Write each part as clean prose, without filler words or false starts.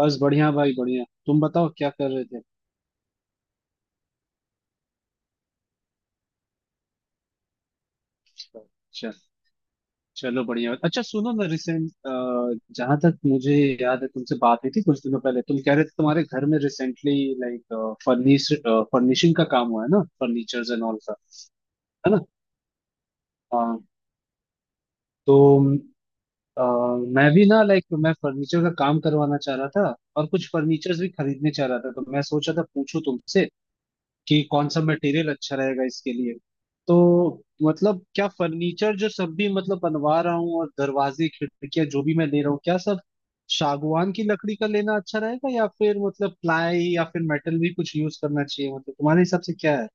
बस बढ़िया भाई बढ़िया। तुम बताओ क्या कर रहे थे। अच्छा। चलो बढ़िया। अच्छा, सुनो ना, रिसेंट जहां तक मुझे याद है तुमसे बात हुई थी कुछ दिनों पहले, तुम कह रहे थे तुम्हारे घर में रिसेंटली लाइक फर्निशिंग का काम हुआ है ना, फर्नीचर्स एंड ऑल का। है ना। हाँ। तो अ, मैं भी ना लाइक मैं फर्नीचर का काम करवाना चाह रहा था और कुछ फर्नीचर्स भी खरीदने चाह रहा था, तो मैं सोचा था पूछूं तुमसे कि कौन सा मटेरियल अच्छा रहेगा इसके लिए। तो मतलब क्या फर्नीचर जो सब भी मतलब बनवा रहा हूँ और दरवाजे खिड़कियां जो भी मैं ले रहा हूँ, क्या सब सागवान की लकड़ी का लेना अच्छा रहेगा, या फिर मतलब प्लाई, या फिर मेटल भी कुछ यूज करना चाहिए? मतलब तुम्हारे हिसाब से क्या है।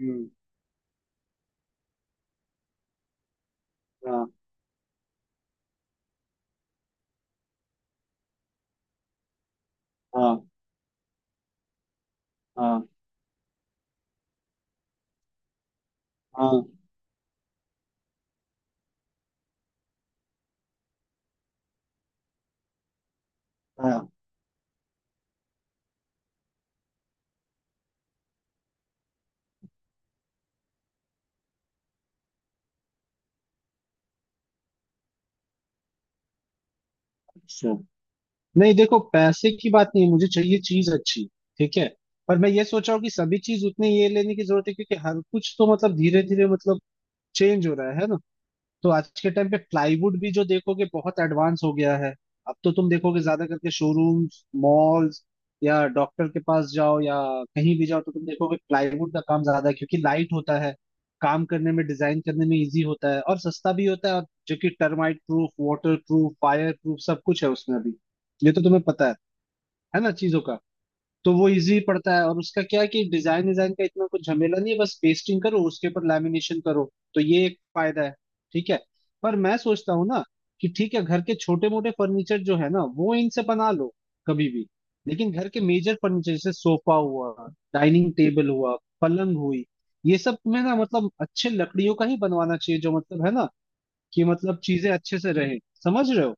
हम्म। हाँ हाँ हाँ हाँ हाँ। अच्छा। नहीं देखो, पैसे की बात नहीं है, मुझे चाहिए चीज अच्छी। ठीक है। पर मैं ये सोच रहा हूँ कि सभी चीज उतनी ये लेने की जरूरत है, क्योंकि हर कुछ तो मतलब धीरे धीरे मतलब चेंज हो रहा है ना। तो आज के टाइम पे प्लाईवुड भी जो देखोगे बहुत एडवांस हो गया है। अब तो तुम देखोगे ज्यादा करके शोरूम्स, मॉल्स या डॉक्टर के पास जाओ, या कहीं भी जाओ, तो तुम देखोगे प्लाईवुड का काम ज्यादा है, क्योंकि लाइट होता है, काम करने में डिजाइन करने में इजी होता है, और सस्ता भी होता है, और जो कि termite proof water proof fire proof सब कुछ है उसमें अभी। ये तो तुम्हें पता है ना चीजों का। तो वो इजी पड़ता है, और उसका क्या है कि डिजाइन डिजाइन का इतना कुछ झमेला नहीं है, बस पेस्टिंग करो उसके ऊपर लैमिनेशन करो। तो ये एक फायदा है। ठीक है। पर मैं सोचता हूँ ना कि ठीक है, घर के छोटे मोटे फर्नीचर जो है ना वो इनसे बना लो कभी भी, लेकिन घर के मेजर फर्नीचर जैसे सोफा हुआ, डाइनिंग टेबल हुआ, पलंग हुई, ये सब में ना मतलब अच्छे लकड़ियों का ही बनवाना चाहिए, जो मतलब है ना कि मतलब चीजें अच्छे से रहे। समझ रहे हो?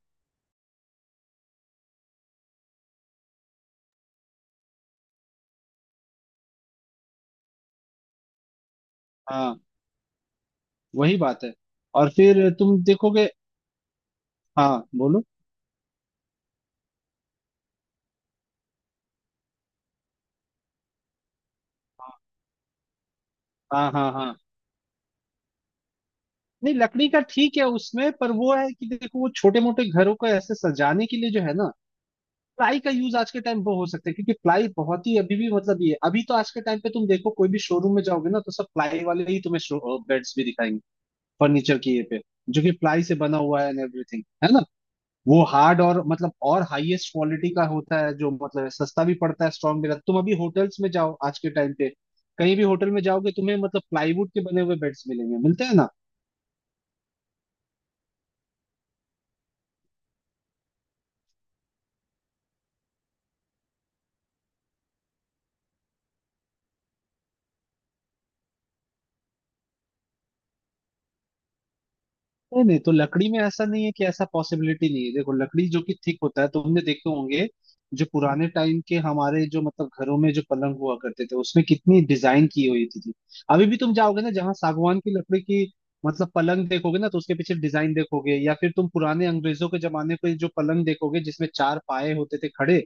हाँ वही बात है। और फिर तुम देखोगे। हाँ बोलो। हाँ हाँ हाँ। नहीं, लकड़ी का ठीक है उसमें, पर वो है कि देखो, वो छोटे मोटे घरों को ऐसे सजाने के लिए जो है ना, प्लाई का यूज आज के टाइम वो हो सकता है, क्योंकि प्लाई बहुत ही अभी भी मतलब ये अभी तो आज के टाइम पे तुम देखो कोई भी शोरूम में जाओगे ना तो सब प्लाई वाले ही तुम्हें बेड्स भी दिखाएंगे, फर्नीचर की ये पे, जो कि प्लाई से बना हुआ है एंड एवरीथिंग है ना। वो हार्ड और मतलब और हाईएस्ट क्वालिटी का होता है, जो मतलब सस्ता भी पड़ता है स्ट्रॉन्ग भी रहता है। तुम अभी होटल्स में जाओ आज के टाइम पे, कहीं भी होटल में जाओगे तुम्हें मतलब प्लाईवुड के बने हुए बेड्स मिलेंगे, मिलते हैं ना। नहीं नहीं, तो लकड़ी में ऐसा नहीं है कि ऐसा पॉसिबिलिटी नहीं है। देखो लकड़ी जो कि थिक होता है तुमने देखे होंगे, जो पुराने टाइम के हमारे जो मतलब घरों में जो पलंग हुआ करते थे उसमें कितनी डिजाइन की हुई थी। अभी भी तुम जाओगे ना जहाँ सागवान की लकड़ी की मतलब पलंग देखोगे ना तो उसके पीछे डिजाइन देखोगे, या फिर तुम पुराने अंग्रेजों के जमाने के जो पलंग देखोगे जिसमें चार पाए होते थे खड़े,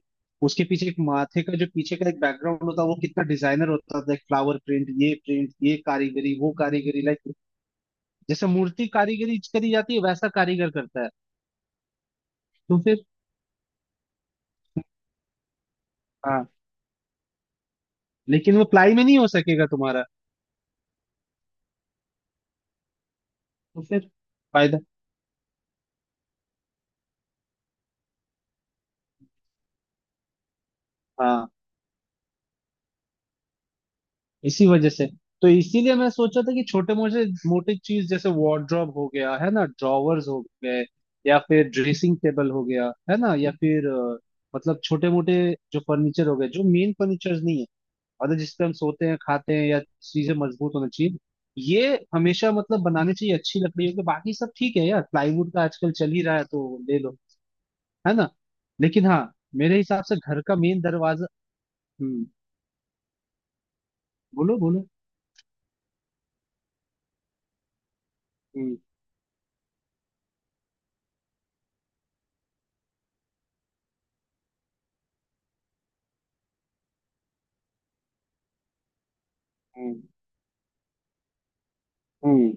उसके पीछे एक माथे का जो पीछे का एक बैकग्राउंड होता है वो कितना डिजाइनर होता था, फ्लावर प्रिंट, ये प्रिंट, ये कारीगरी, वो कारीगरी, लाइक जैसे मूर्ति कारीगरी करी जाती है वैसा कारीगर करता है। तो फिर हाँ, लेकिन वो प्लाई में नहीं हो सकेगा तुम्हारा। तो फिर फायदा। हाँ इसी वजह से। तो इसीलिए मैं सोचा था कि छोटे मोटे मोटे चीज जैसे वार्डरोब हो गया है ना, ड्रॉवर्स हो गए, या फिर ड्रेसिंग टेबल हो गया है ना, या फिर मतलब छोटे मोटे जो फर्नीचर हो गए जो मेन फर्नीचर नहीं है, और जिस पे हम सोते हैं खाते हैं या चीजें मजबूत होना चाहिए, ये हमेशा मतलब बनानी चाहिए अच्छी लकड़ियों के। बाकी सब ठीक है यार, प्लाईवुड का आजकल चल ही रहा है तो ले लो। है ना। लेकिन हाँ, मेरे हिसाब से घर का मेन दरवाजा। हम्म। बोलो बोलो। हम्म हम्म हम्म।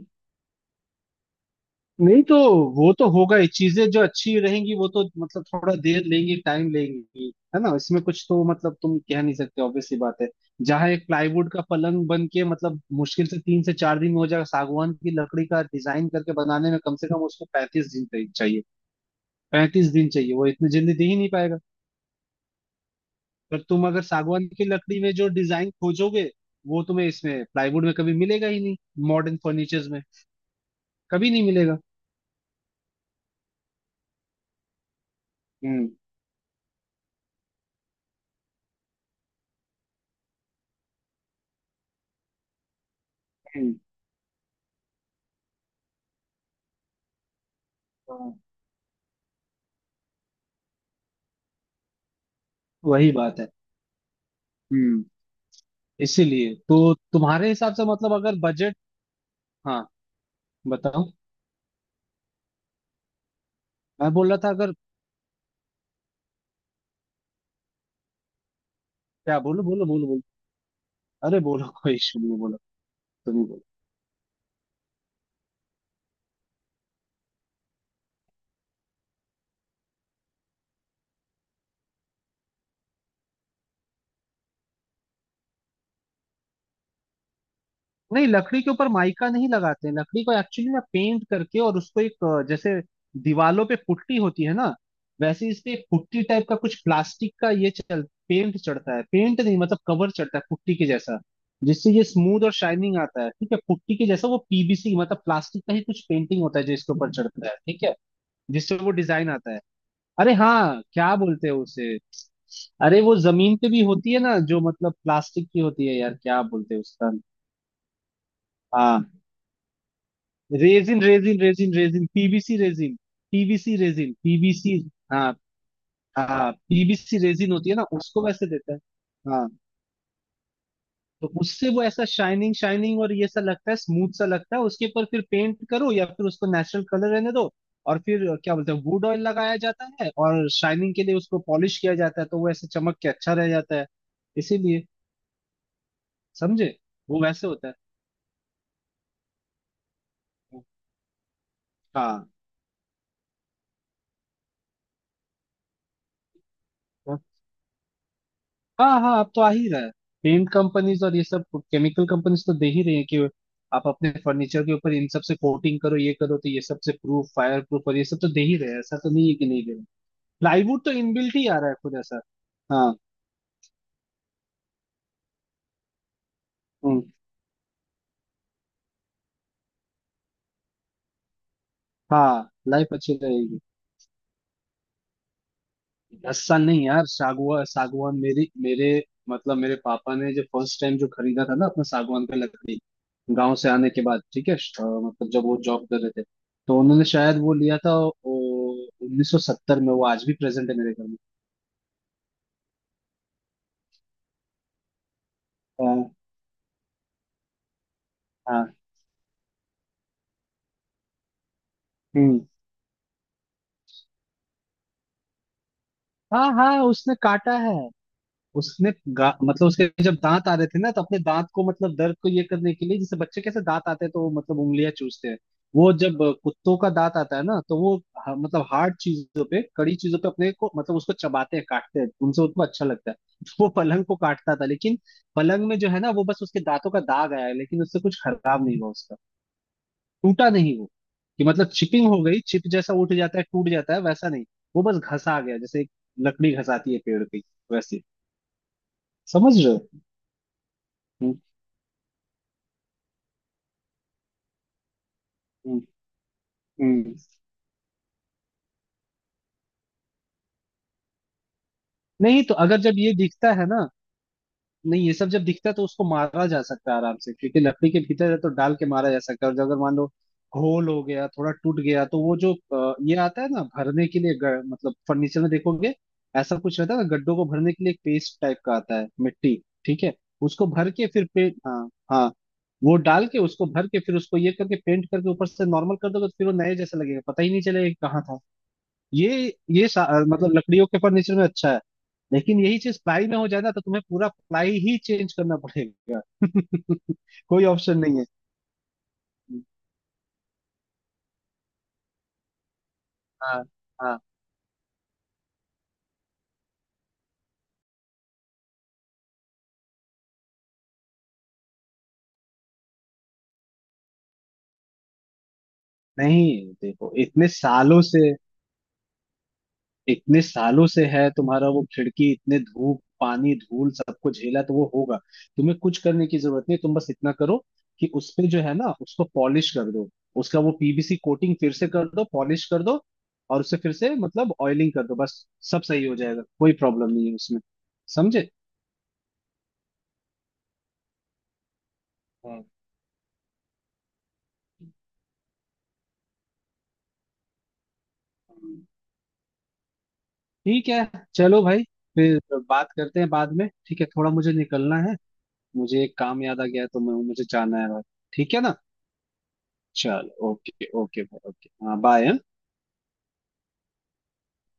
नहीं तो वो तो होगा ही, चीजें जो अच्छी रहेंगी वो तो मतलब थोड़ा देर लेंगी टाइम लेंगी है ना, इसमें कुछ तो मतलब तुम कह नहीं सकते, ऑब्वियसली बात है। जहां एक प्लाईवुड का पलंग बन के मतलब मुश्किल से 3 से 4 दिन में हो जाएगा, सागवान की लकड़ी का डिजाइन करके बनाने में कम से कम उसको 35 दिन चाहिए चाहिए 35 दिन चाहिए, वो इतनी जल्दी दे ही नहीं पाएगा। पर तुम अगर सागवान की लकड़ी में जो डिजाइन खोजोगे, वो तुम्हें इसमें प्लाईवुड में कभी मिलेगा ही नहीं, मॉडर्न फर्नीचर्स में कभी नहीं मिलेगा। हम्म हम्म। हाँ, वही बात है। हम्म। इसीलिए तो तुम्हारे हिसाब से मतलब अगर बजट। हाँ बताओ। मैं बोल रहा था अगर। क्या? बोलो बोलो बोलो बोलो। अरे बोलो, कोई इशू नहीं है, बोलो। तुम ही बोलो। नहीं, लकड़ी के ऊपर माइका नहीं लगाते हैं, लकड़ी को एक्चुअली ना पेंट करके और उसको एक जैसे दीवालों पे पुट्टी होती है ना, वैसे इस पे एक पुट्टी टाइप का कुछ प्लास्टिक का ये चल पेंट चढ़ता है, पेंट नहीं मतलब कवर चढ़ता है पुट्टी के जैसा, जिससे ये स्मूथ और शाइनिंग आता है। ठीक है, पुट्टी के जैसा वो पीवीसी मतलब प्लास्टिक का ही कुछ पेंटिंग होता है जो इसके ऊपर चढ़ता है। ठीक है, जिससे वो डिजाइन आता है। अरे हाँ, क्या बोलते हैं उसे? अरे वो जमीन पे भी होती है ना, जो मतलब प्लास्टिक की होती है यार, क्या बोलते हैं उसका? हाँ, resin resin resin resin, PVC resin. PVC resin, PVC. हाँ। हाँ पीवीसी रेजिन होती है ना, उसको वैसे देता है। हाँ। तो उससे वो ऐसा शाइनिंग शाइनिंग और ये सा लगता है, स्मूथ सा लगता है, उसके ऊपर फिर पेंट करो या फिर उसको नेचुरल कलर रहने दो। और फिर क्या बोलते हैं, वुड ऑयल लगाया जाता है, और शाइनिंग के लिए उसको पॉलिश किया जाता है, तो वो ऐसे चमक के अच्छा रह जाता है। इसीलिए। समझे। वो वैसे होता है। हाँ हाँ हाँ। हाँ, अब तो आ ही रहा है, पेंट कंपनीज और ये सब केमिकल कंपनीज तो दे ही रही है कि आप अपने फर्नीचर के ऊपर इन सब से कोटिंग करो, ये करो, तो ये सब से प्रूफ फायर प्रूफ और ये सब तो दे ही रहे हैं, ऐसा तो नहीं है कि नहीं दे रहे। प्लाईवुड तो इनबिल्ट ही आ रहा है खुद ऐसा। हाँ। हम्म, हाँ लाइफ अच्छी रहेगी। 10 साल नहीं यार, सागवान, मेरी मेरे मतलब मेरे पापा ने जो फर्स्ट टाइम जो खरीदा था ना अपना सागवान का लकड़ी गांव से आने के बाद, ठीक है, मतलब जब वो जॉब कर रहे थे तो उन्होंने शायद वो लिया था 1970 में, वो आज भी प्रेजेंट है मेरे घर में। हाँ हाँ। हम्म। हाँ हाँ, उसने काटा है। उसने मतलब उसके जब दांत आ रहे थे ना तो अपने दांत को मतलब दर्द को ये करने के लिए, जैसे बच्चे कैसे दांत आते हैं तो वो मतलब उंगलियां चूसते हैं, वो जब कुत्तों का दांत आता है ना तो वो मतलब हार्ड चीजों पे कड़ी चीजों पे अपने को मतलब उसको चबाते हैं काटते हैं, उनसे उनको अच्छा लगता है वो पलंग को काटता था, लेकिन पलंग में जो है ना वो बस उसके दांतों का दाग आया है, लेकिन उससे कुछ खराब नहीं हुआ उसका, टूटा नहीं वो। कि मतलब चिपिंग हो गई, चिप जैसा उठ जाता है टूट जाता है वैसा नहीं, वो बस घसा गया जैसे एक लकड़ी घसाती है पेड़ की वैसे। समझ रहे हो? हम्म, हम्म। नहीं तो अगर जब ये दिखता है ना, नहीं ये सब जब दिखता है तो उसको मारा जा सकता है आराम से, क्योंकि लकड़ी के भीतर है तो डाल के मारा जा सकता है, और जब अगर मान लो होल हो गया थोड़ा टूट गया तो वो जो ये आता है ना भरने के लिए, मतलब फर्नीचर में देखोगे ऐसा कुछ रहता है ना गड्ढों को भरने के लिए, एक पेस्ट टाइप का आता है, मिट्टी। ठीक है, उसको भर के फिर पेंट, हाँ हाँ, वो डाल के उसको भर के फिर उसको ये करके पेंट करके ऊपर से नॉर्मल कर दोगे, तो फिर वो नए जैसा लगेगा, पता ही नहीं चलेगा कि कहाँ था ये। ये मतलब लकड़ियों के फर्नीचर में अच्छा है, लेकिन यही चीज प्लाई में हो जाए ना तो तुम्हें पूरा प्लाई ही चेंज करना पड़ेगा कोई ऑप्शन नहीं है। हाँ हाँ। नहीं देखो, इतने सालों से, इतने सालों से है तुम्हारा वो खिड़की, इतने धूप पानी धूल सबको झेला तो वो होगा। तुम्हें कुछ करने की जरूरत नहीं, तुम बस इतना करो कि उस पे जो है ना उसको पॉलिश कर दो, उसका वो पीवीसी कोटिंग फिर से कर दो, पॉलिश कर दो, और उसे फिर से मतलब ऑयलिंग कर दो बस, सब सही हो जाएगा, कोई प्रॉब्लम नहीं है उसमें। समझे। हम्म। ठीक है। चलो भाई, फिर बात करते हैं बाद में, ठीक है, थोड़ा मुझे निकलना है। मुझे एक काम याद आ गया है तो मैं, मुझे जाना है भाई, ठीक है ना। चलो ओके ओके भाई ओके, हाँ बाय।